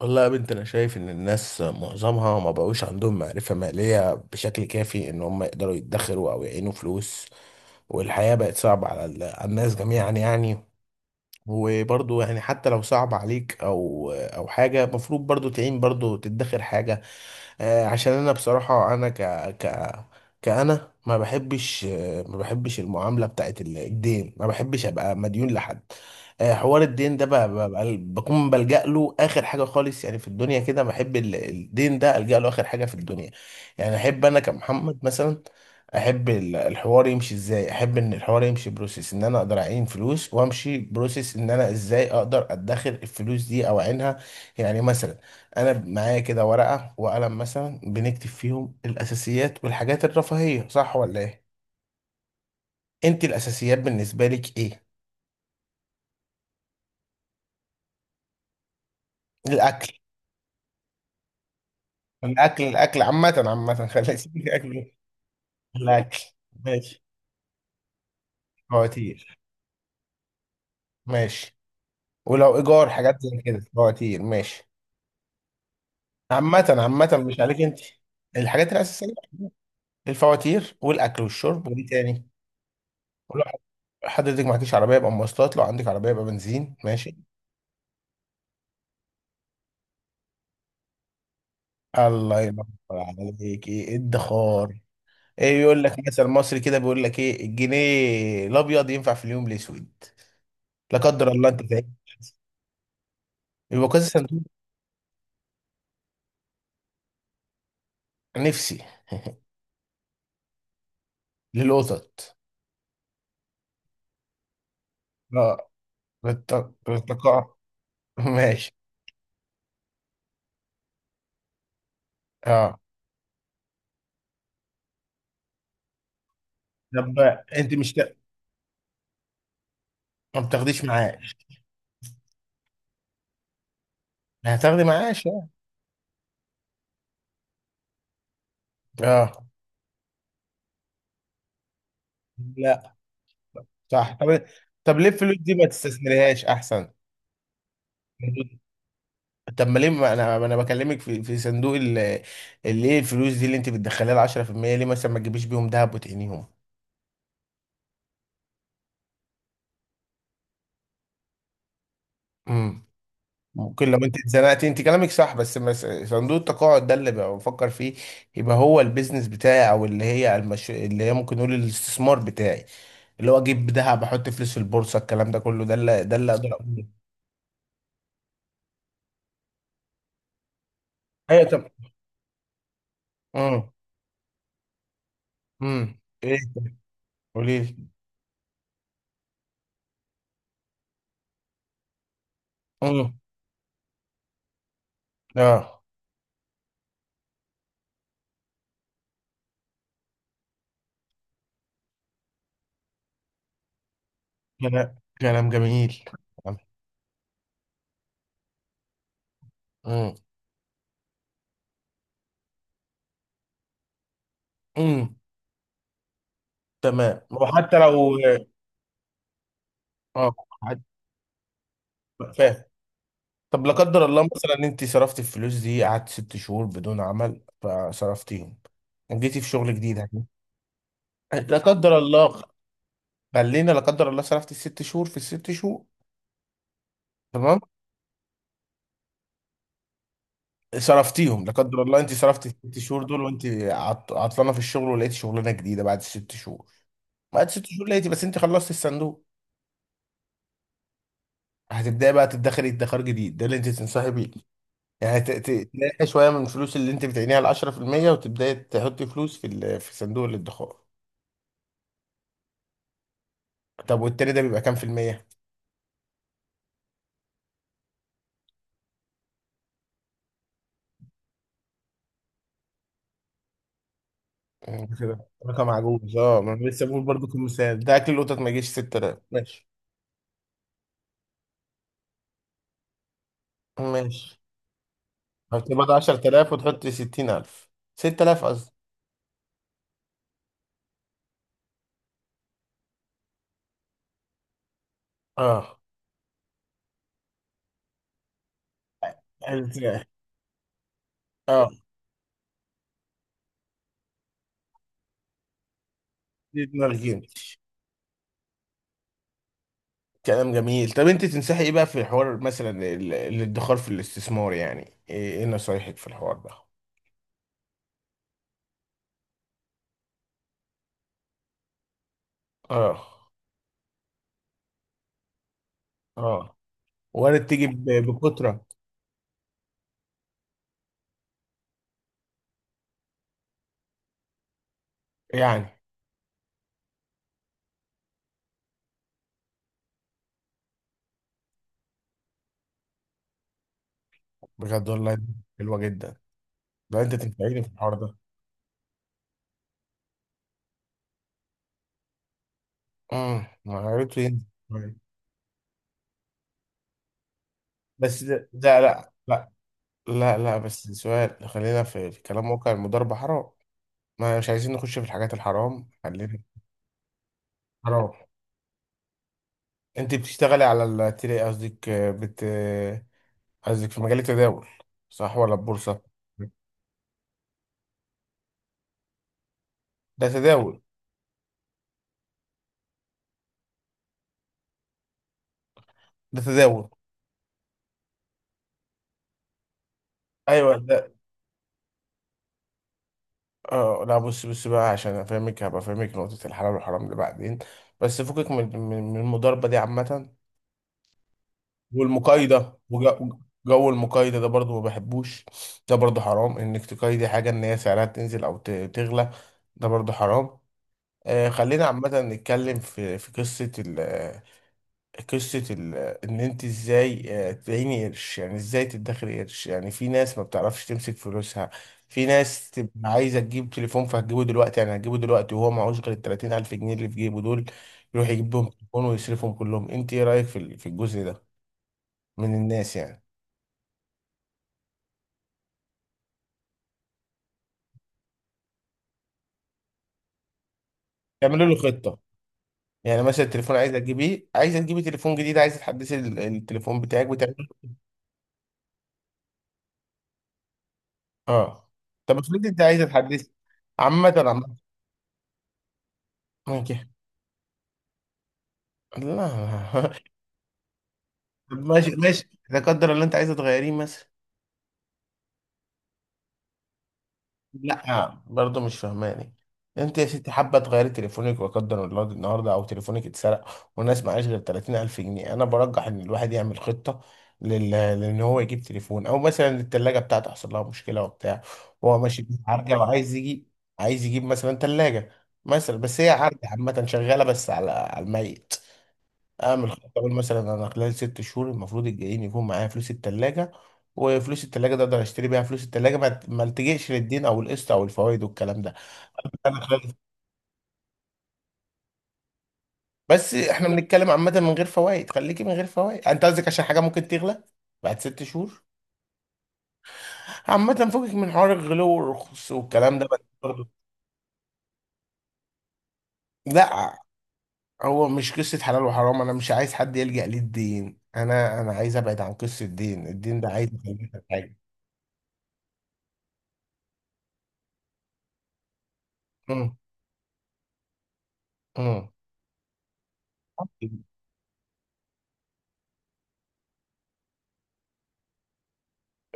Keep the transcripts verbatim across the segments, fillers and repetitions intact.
والله يا بنت، انا شايف ان الناس معظمها ما بقوش عندهم معرفة مالية بشكل كافي ان هم يقدروا يدخروا او يعينوا فلوس. والحياة بقت صعبة على ال- على الناس جميعا يعني. وبرضو يعني حتى لو صعب عليك او او حاجة، المفروض برضو تعين، برضو تدخر حاجة. آه، عشان انا بصراحة انا ك ك كأنا ما بحبش، آه، ما بحبش المعاملة بتاعت ال- الدين، ما بحبش ابقى مديون لحد. آه، حوار الدين ده ب- ب- ب- بكون بلجأ له اخر حاجة خالص يعني في الدنيا كده. بحب ال- الدين ده، ألجأ له اخر حاجة في الدنيا. يعني احب انا كمحمد مثلا، احب ال- الحوار يمشي ازاي. احب ان الحوار يمشي بروسيس ان انا اقدر اعين فلوس، وامشي بروسيس ان انا ازاي اقدر ادخر الفلوس دي او اعينها. يعني مثلا انا معايا كده ورقه وقلم، مثلا بنكتب فيهم الاساسيات والحاجات الرفاهيه، صح ولا ايه؟ انت الاساسيات بالنسبه لك ايه؟ الاكل. الاكل الاكل عامه عامه خلينا نسيب الاكل. الاكل ماشي، فواتير ماشي، ولو ايجار حاجات زي كده فواتير ماشي. عامه عامه، مش عليك انت. الحاجات الاساسيه، الفواتير والاكل والشرب، وايه تاني؟ ولو حضرتك معكيش عربيه يبقى مواصلات، لو عندك عربيه يبقى بنزين ماشي. الله ينور عليك، ايه الدخار؟ ايه، يقول لك مثل مصري كده بيقول لك ايه: الجنيه الابيض ينفع في اليوم الاسود. لا قدر الله، انت فاهم. يبقى كذا صندوق. نفسي. للقطط. اه، للت- للتقاع. ماشي. اه طب انت مش ت- ما بتاخديش معاش؟ هتاخدي معاش، اه. اه لا، صح. طب طب ليه الفلوس دي ما تستثمريهاش احسن؟ طب ما ليه، ما انا ما انا بكلمك في في صندوق ال- اللي ايه الفلوس دي اللي انت بتدخليها ال عشرة في المية، ليه مثلا ما تجيبيش بيهم دهب وتقنيهم؟ امم ممكن لو انت اتزنقتي، انت كلامك صح، بس مس- صندوق التقاعد ده اللي بقى بفكر فيه. يبقى هو البيزنس بتاعي، او اللي هي المش... اللي هي ممكن نقول الاستثمار بتاعي، اللي هو اجيب ذهب، احط فلوس في البورصه، الكلام ده كله، ده اللي ده اللي اقدر اقوله. ايوه طب. امم امم ايه طب؟ قولي لي. امم، اه. كلام كلام جميل. امم. امم. تمام، وحتى لو. اه. حت- فاهم. طب لا قدر الله مثلا انت صرفتي الفلوس دي، قعدت ست شهور بدون عمل فصرفتيهم، جيتي في شغل جديد يعني. لا قدر الله، خلينا لا قدر الله، صرفتي الست شهور في الست شهور. تمام. صرفتيهم لا قدر الله، انت صرفتي الست شهور دول وانت عط- عطلانه في الشغل، ولقيتي شغلانه جديده بعد الست شهور، بعد ست شهور لقيتي، بس انت خلصتي الصندوق. هتبداي بقى تدخري ادخار جديد، ده اللي انت تنصحي بيه؟ يعني ت- ت- تلاقي شويه من الفلوس اللي انت بتعينيها ال عشرة في المية، وتبداي تحطي فلوس في ال- في صندوق الادخار. طب والتاني ده بيبقى كام في المية؟ مم، كده رقم عجوز. اه، ما انا لسه بقول برضه كمثال. ده اكل القطط ما يجيش ستة آلاف، ماشي. ماشي، هتبقى برضه عشر آلاف وتحط ستين ألف. ست آلاف قصدي. اه حلو كده. اه دي دماغ جيمتش. كلام جميل. طب انت تنصحي ايه بقى في حوار مثلا ال- الادخار، في الاستثمار يعني؟ ايه إيه نصايحك في الحوار ده؟ اه. اه وارد تيجي ب- بكترة يعني. بجد والله. حلوة جدا. ده انت تنفعيني في الحوار ده. امم، عرفته ينزل. طيب. بس ده ده لا لا. لا لا، بس سؤال. خلينا في في كلام واقع، المضاربة حرام. ما مش عايزين نخش في الحاجات الحرام، خلينا. حرام. انت بتشتغلي على التري، قصدك بت قصدك في مجال التداول، صح ولا البورصة؟ ده تداول. ده تداول. ايوه ده. اه لا، بص بص بقى، عشان افهمك هبقى افهمك نقطة الحلال والحرام دي بعدين، بس فكك من من من المضاربة دي عامة. والمقايضة، وجو المقايضة ده برضو ما بحبوش. ده برضو حرام انك تقايضي حاجة ان هي سعرها تنزل او ت- تغلى. ده برضو حرام. آه خلينا عامة نتكلم في في قصة ال قصة ال ان انت ازاي آه، تعيني قرش، يعني ازاي تدخري قرش. يعني في ناس ما بتعرفش تمسك فلوسها. في ناس تبقى عايزة تجيب تليفون، فهتجيبه دلوقتي، يعني هتجيبه دلوقتي وهو معهوش غير ال 30000 ألف جنيه اللي في جيبه دول، يروح يجيب بهم تليفون ويصرفهم كلهم. انت ايه رأيك في ال- في الجزء ده من الناس يعني؟ يعملوا له خطه. يعني مثلا التليفون، عايز اجيبيه، عايز تجيبي تليفون جديد، عايز تحدثي ال- التليفون بتاعك بتاع. اه طب افرضي انت عايز تحدثي، عامه عامه ماشي. لا طب ماشي ماشي، لا قدر الله انت عايزه تغيريه مثلا. لا برضه مش فهماني. انت يا ستي حابه تغيري تليفونك، وقدر الله النهارده او تليفونك اتسرق، والناس معاش غير ثلاثين ألف جنيه. انا برجح ان الواحد يعمل خطه لل... لان هو يجيب تليفون، او مثلا الثلاجه بتاعته حصل لها مشكله وبتاع، هو ماشي بيها عرجه وعايز يجيب. عايز يجيب مثلا ثلاجه مثلا، بس هي عرجه عامه شغاله بس على على الميت. اعمل خطه، اقول مثلا انا خلال ست شهور المفروض الجايين يكون معايا فلوس التلاجة، وفلوس التلاجة ده اقدر اشتري بيها فلوس التلاجة، ما ما التجئش للدين او القسط او الفوائد والكلام ده. انا خلال، بس احنا بنتكلم عامة من غير فوائد. خليكي من غير فوائد، انت قصدك عشان حاجة ممكن تغلى بعد ست شهور. عامة فوقك من حوار الغلو والرخص والكلام ده بس برضه. لا، هو مش قصة حلال وحرام، انا مش عايز حد يلجأ للدين، انا انا عايز ابعد عن قصة الدين. الدين ده عايز يخليني في حاجة. امم. امم.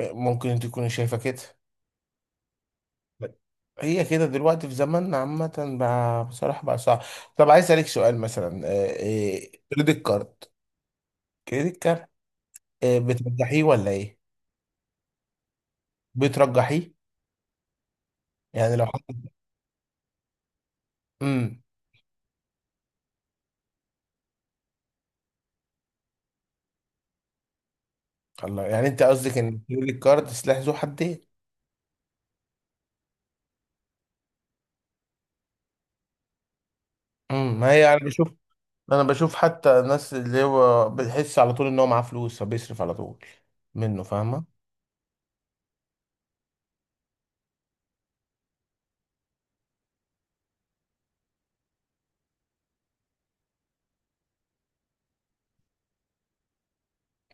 ممكن تكون شايفة كده. هي كده دلوقتي في زماننا عامة بقى، بصراحة بقى صعب. طب عايز أسألك سؤال مثلا. آه، آه، كريدت كارد، كريدت كارد آه، بترجحيه ولا إيه؟ بترجحيه. يعني لو حط. امم. الله، يعني أنت قصدك إن الكريدت كارد سلاح ذو حدين. امم. ما هي أنا بشوف. أنا بشوف حتى الناس اللي هو بتحس على طول إن هو معاه فلوس فبيصرف على طول منه، فاهمة؟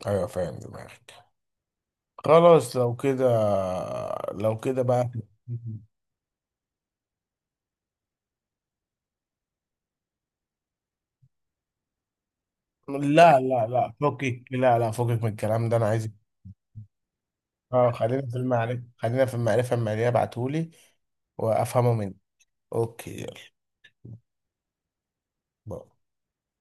أيوه فاهم دماغك. خلاص لو كده لو كده بقى. لا لا لا، فكك لا لا فكك من الكلام ده انا عايز. اه خلينا في المعرفة، خلينا في المعرفة المالية. ابعتهولي وافهمه مني. اوكي يلا. باي.